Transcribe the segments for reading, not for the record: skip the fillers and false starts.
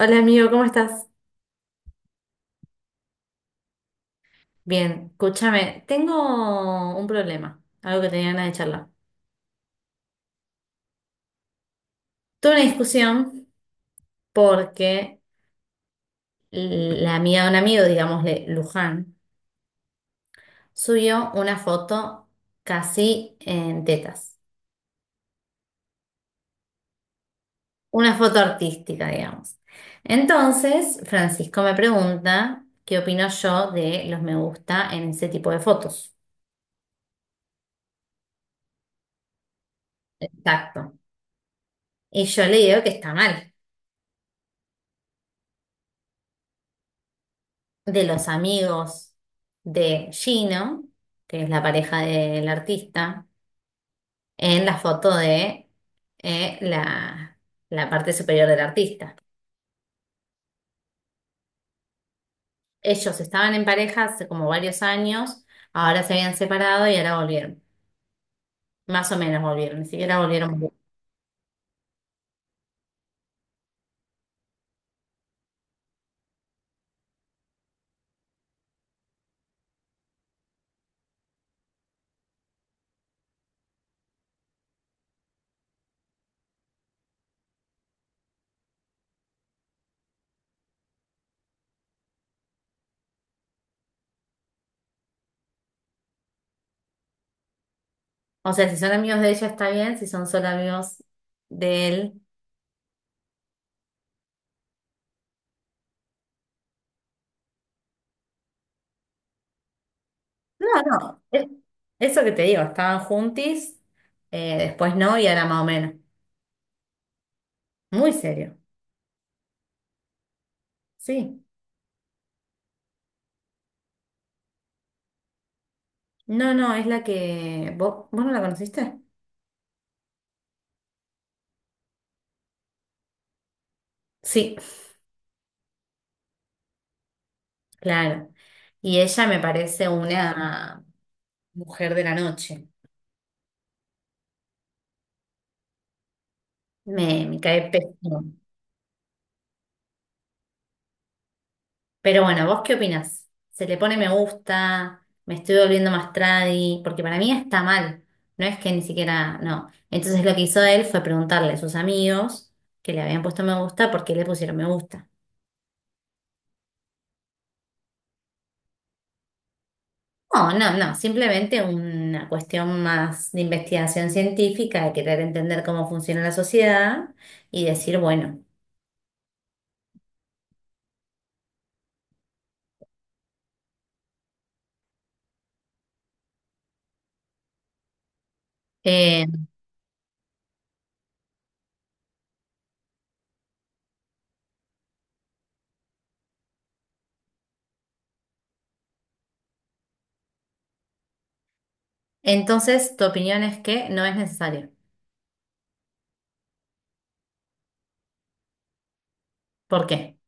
Hola amigo, ¿cómo estás? Bien, escúchame, tengo un problema, algo que tenía ganas de charlar. Tuve una discusión porque la amiga de un amigo, digámosle Luján, subió una foto casi en tetas, una foto artística, digamos. Entonces, Francisco me pregunta qué opino yo de los me gusta en ese tipo de fotos. Exacto. Y yo le digo que está mal. De los amigos de Gino, que es la pareja del artista, en la foto de eh, la, la parte superior del artista. Ellos estaban en pareja hace como varios años, ahora se habían separado y ahora volvieron. Más o menos volvieron, ni siquiera volvieron bien. O sea, si son amigos de ella está bien, si son solo amigos de él. No, no, eso que te digo, estaban juntis, después no y ahora más o menos. Muy serio, sí. No, no, es la que. ¿Vos no la conociste? Sí, claro. Y ella me parece una mujer de la noche. Me cae pésimo. Pero bueno, ¿vos qué opinás? ¿Se le pone me gusta? ¿Me estoy volviendo más tradi? Porque para mí está mal. No es que ni siquiera. No. Entonces lo que hizo él fue preguntarle a sus amigos que le habían puesto me gusta por qué le pusieron me gusta. No, no, no, simplemente una cuestión más de investigación científica, de querer entender cómo funciona la sociedad y decir, bueno, eh, entonces tu opinión es que no es necesario. ¿Por qué?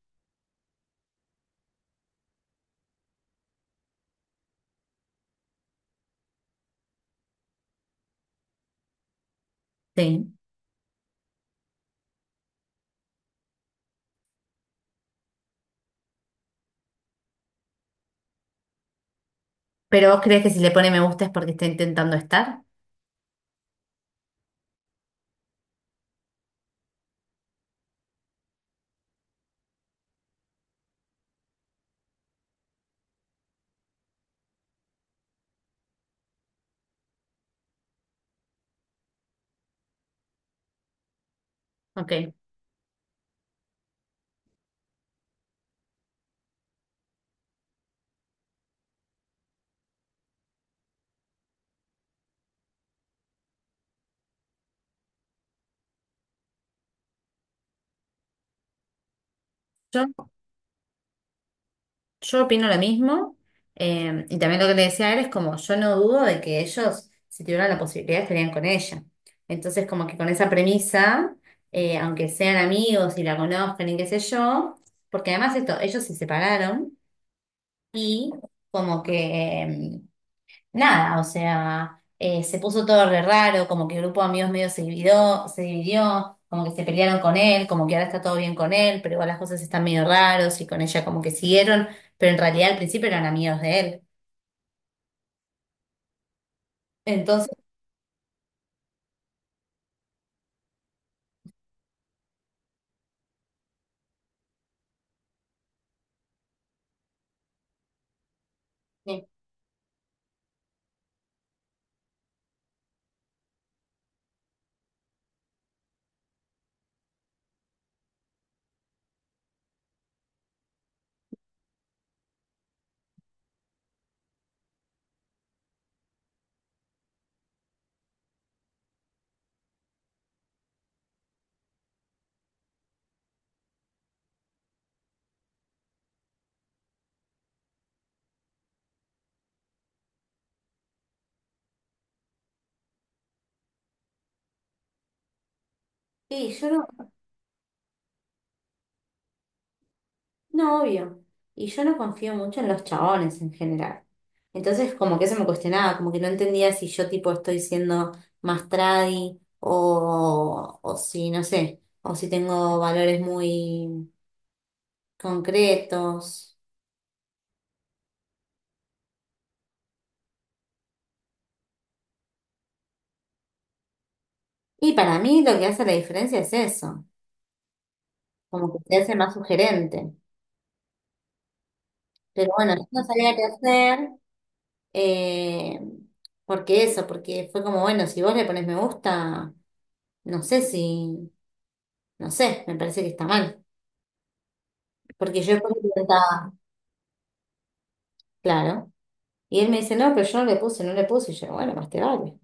Sí. ¿Pero vos crees que si le pone me gusta es porque está intentando estar? Ok. Yo Yo opino lo mismo, y también lo que le decía a él es como, yo no dudo de que ellos, si tuvieran la posibilidad, estarían con ella. Entonces, como que con esa premisa, aunque sean amigos y la conozcan y qué sé yo, porque además esto, ellos se separaron y como que nada, o sea, se puso todo re raro, como que el grupo de amigos medio se dividió, como que se pelearon con él, como que ahora está todo bien con él, pero igual las cosas están medio raros y con ella como que siguieron, pero en realidad al principio eran amigos de él. Entonces, eh, sí, yo no, no, obvio. Y yo no confío mucho en los chabones en general. Entonces, como que eso me cuestionaba, como que no entendía si yo tipo estoy siendo más tradi o si, no sé, o si tengo valores muy concretos. Y para mí lo que hace la diferencia es eso, como que te hace más sugerente. Pero bueno, yo no sabía qué hacer, eh, porque eso, porque fue como, bueno, si vos le pones me gusta, no sé si, no sé, me parece que está mal. Porque yo después le preguntaba, claro. Y él me dice, no, pero yo no le puse, no le puse. Y yo, bueno, más te vale.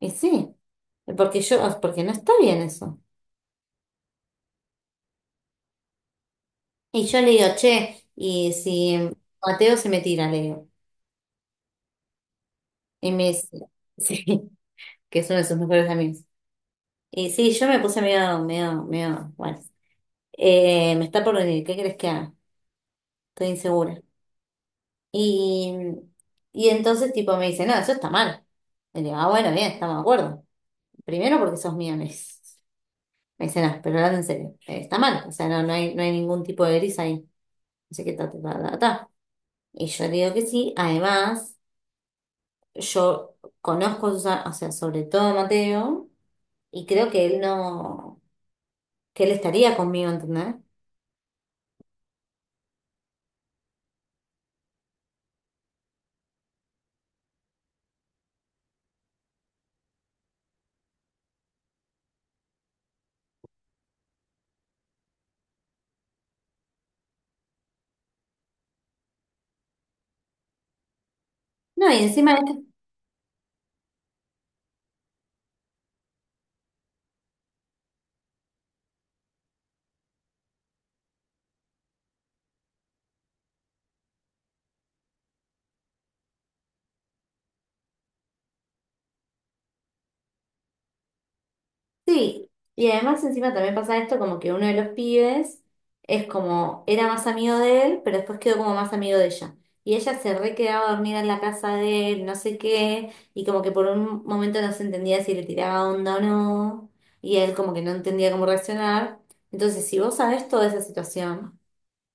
Y sí, porque yo, porque no está bien eso. Y yo le digo, che, y si Mateo se me tira, le digo. Y me dice, sí, que es uno de sus mejores amigos. Y sí, yo me puse medio, bueno, me está por venir, ¿qué crees que haga? Estoy insegura. Y, y entonces tipo me dice, no, eso está mal. Y le digo, ah, bueno, bien, estamos de acuerdo. Primero porque sos mía, me dice, no, pero hablando en serio, está mal, o sea, no, no hay ningún tipo de gris ahí. No sé qué ta, ta, ta, ta, ta. Y yo le digo que sí, además, yo o sea, sobre todo a Mateo, y creo que él no, que él estaría conmigo, ¿entendés? No. Sí, y además encima también pasa esto como que uno de los pibes es como, era más amigo de él, pero después quedó como más amigo de ella. Y ella se re quedaba a dormir en la casa de él, no sé qué, y como que por un momento no se entendía si le tiraba onda o no, y él como que no entendía cómo reaccionar. Entonces, si vos sabés toda esa situación,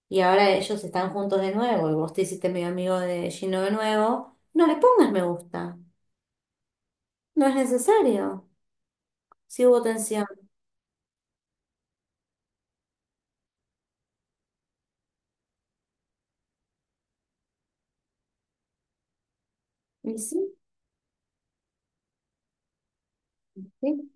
y ahora ellos están juntos de nuevo, y vos te hiciste medio amigo de Gino de nuevo, no le pongas me gusta, no es necesario, si hubo tensión. Sí.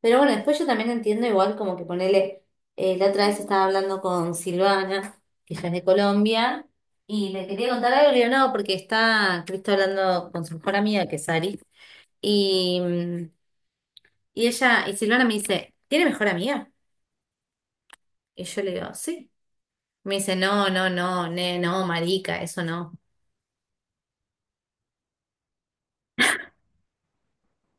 Pero bueno, después yo también entiendo igual como que ponele, la otra vez estaba hablando con Silvana, que ella es de Colombia, y le quería contar algo, y le yo no, porque está Cristo hablando con su mejor amiga, que es Ari, y, mm, y ella, y Silvana me dice, ¿tiene mejor amiga? Y yo le digo, sí. Me dice, no, no, no, no, marica, eso no.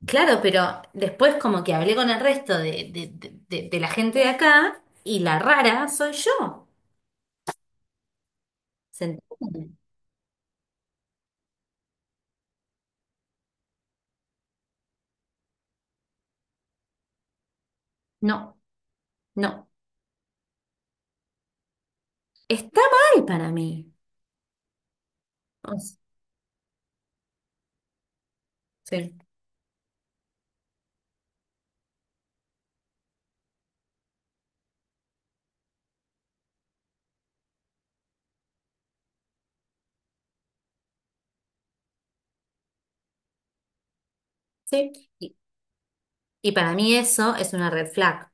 Claro, pero después como que hablé con el resto de la gente de acá, y la rara soy yo. ¿Se entiende? No, no. Está mal para mí. O s- Sí. Sí. Y para mí eso es una red flag.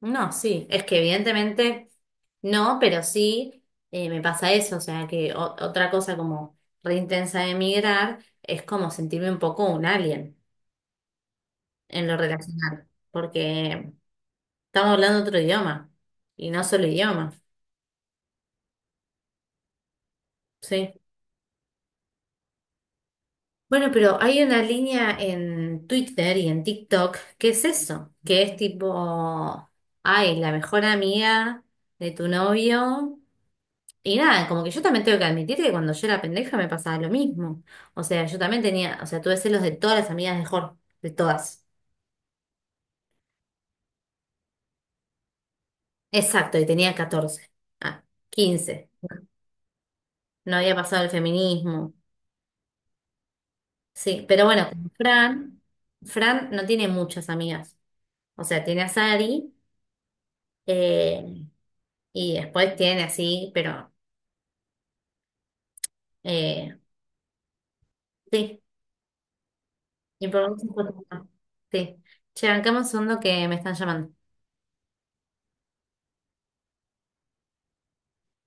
No, sí, es que evidentemente no, pero sí me pasa eso. O sea, que otra cosa como re intensa de emigrar es como sentirme un poco un alien en lo relacional, porque estamos hablando otro idioma y no solo idioma. Sí. Bueno, pero hay una línea en Twitter y en TikTok que es eso, que es tipo, ay, la mejor amiga de tu novio. Y nada, como que yo también tengo que admitir que cuando yo era pendeja me pasaba lo mismo. O sea, yo también tenía, o sea, tuve celos de todas las amigas de Jorge, de todas. Exacto, y tenía 14, ah, 15. No había pasado el feminismo. Sí, pero bueno, con Fran no tiene muchas amigas. O sea, tiene a Sari. eh, Y después tiene así, pero eh, sí, y por mucho- sí. Che, bancame un segundo que me están llamando.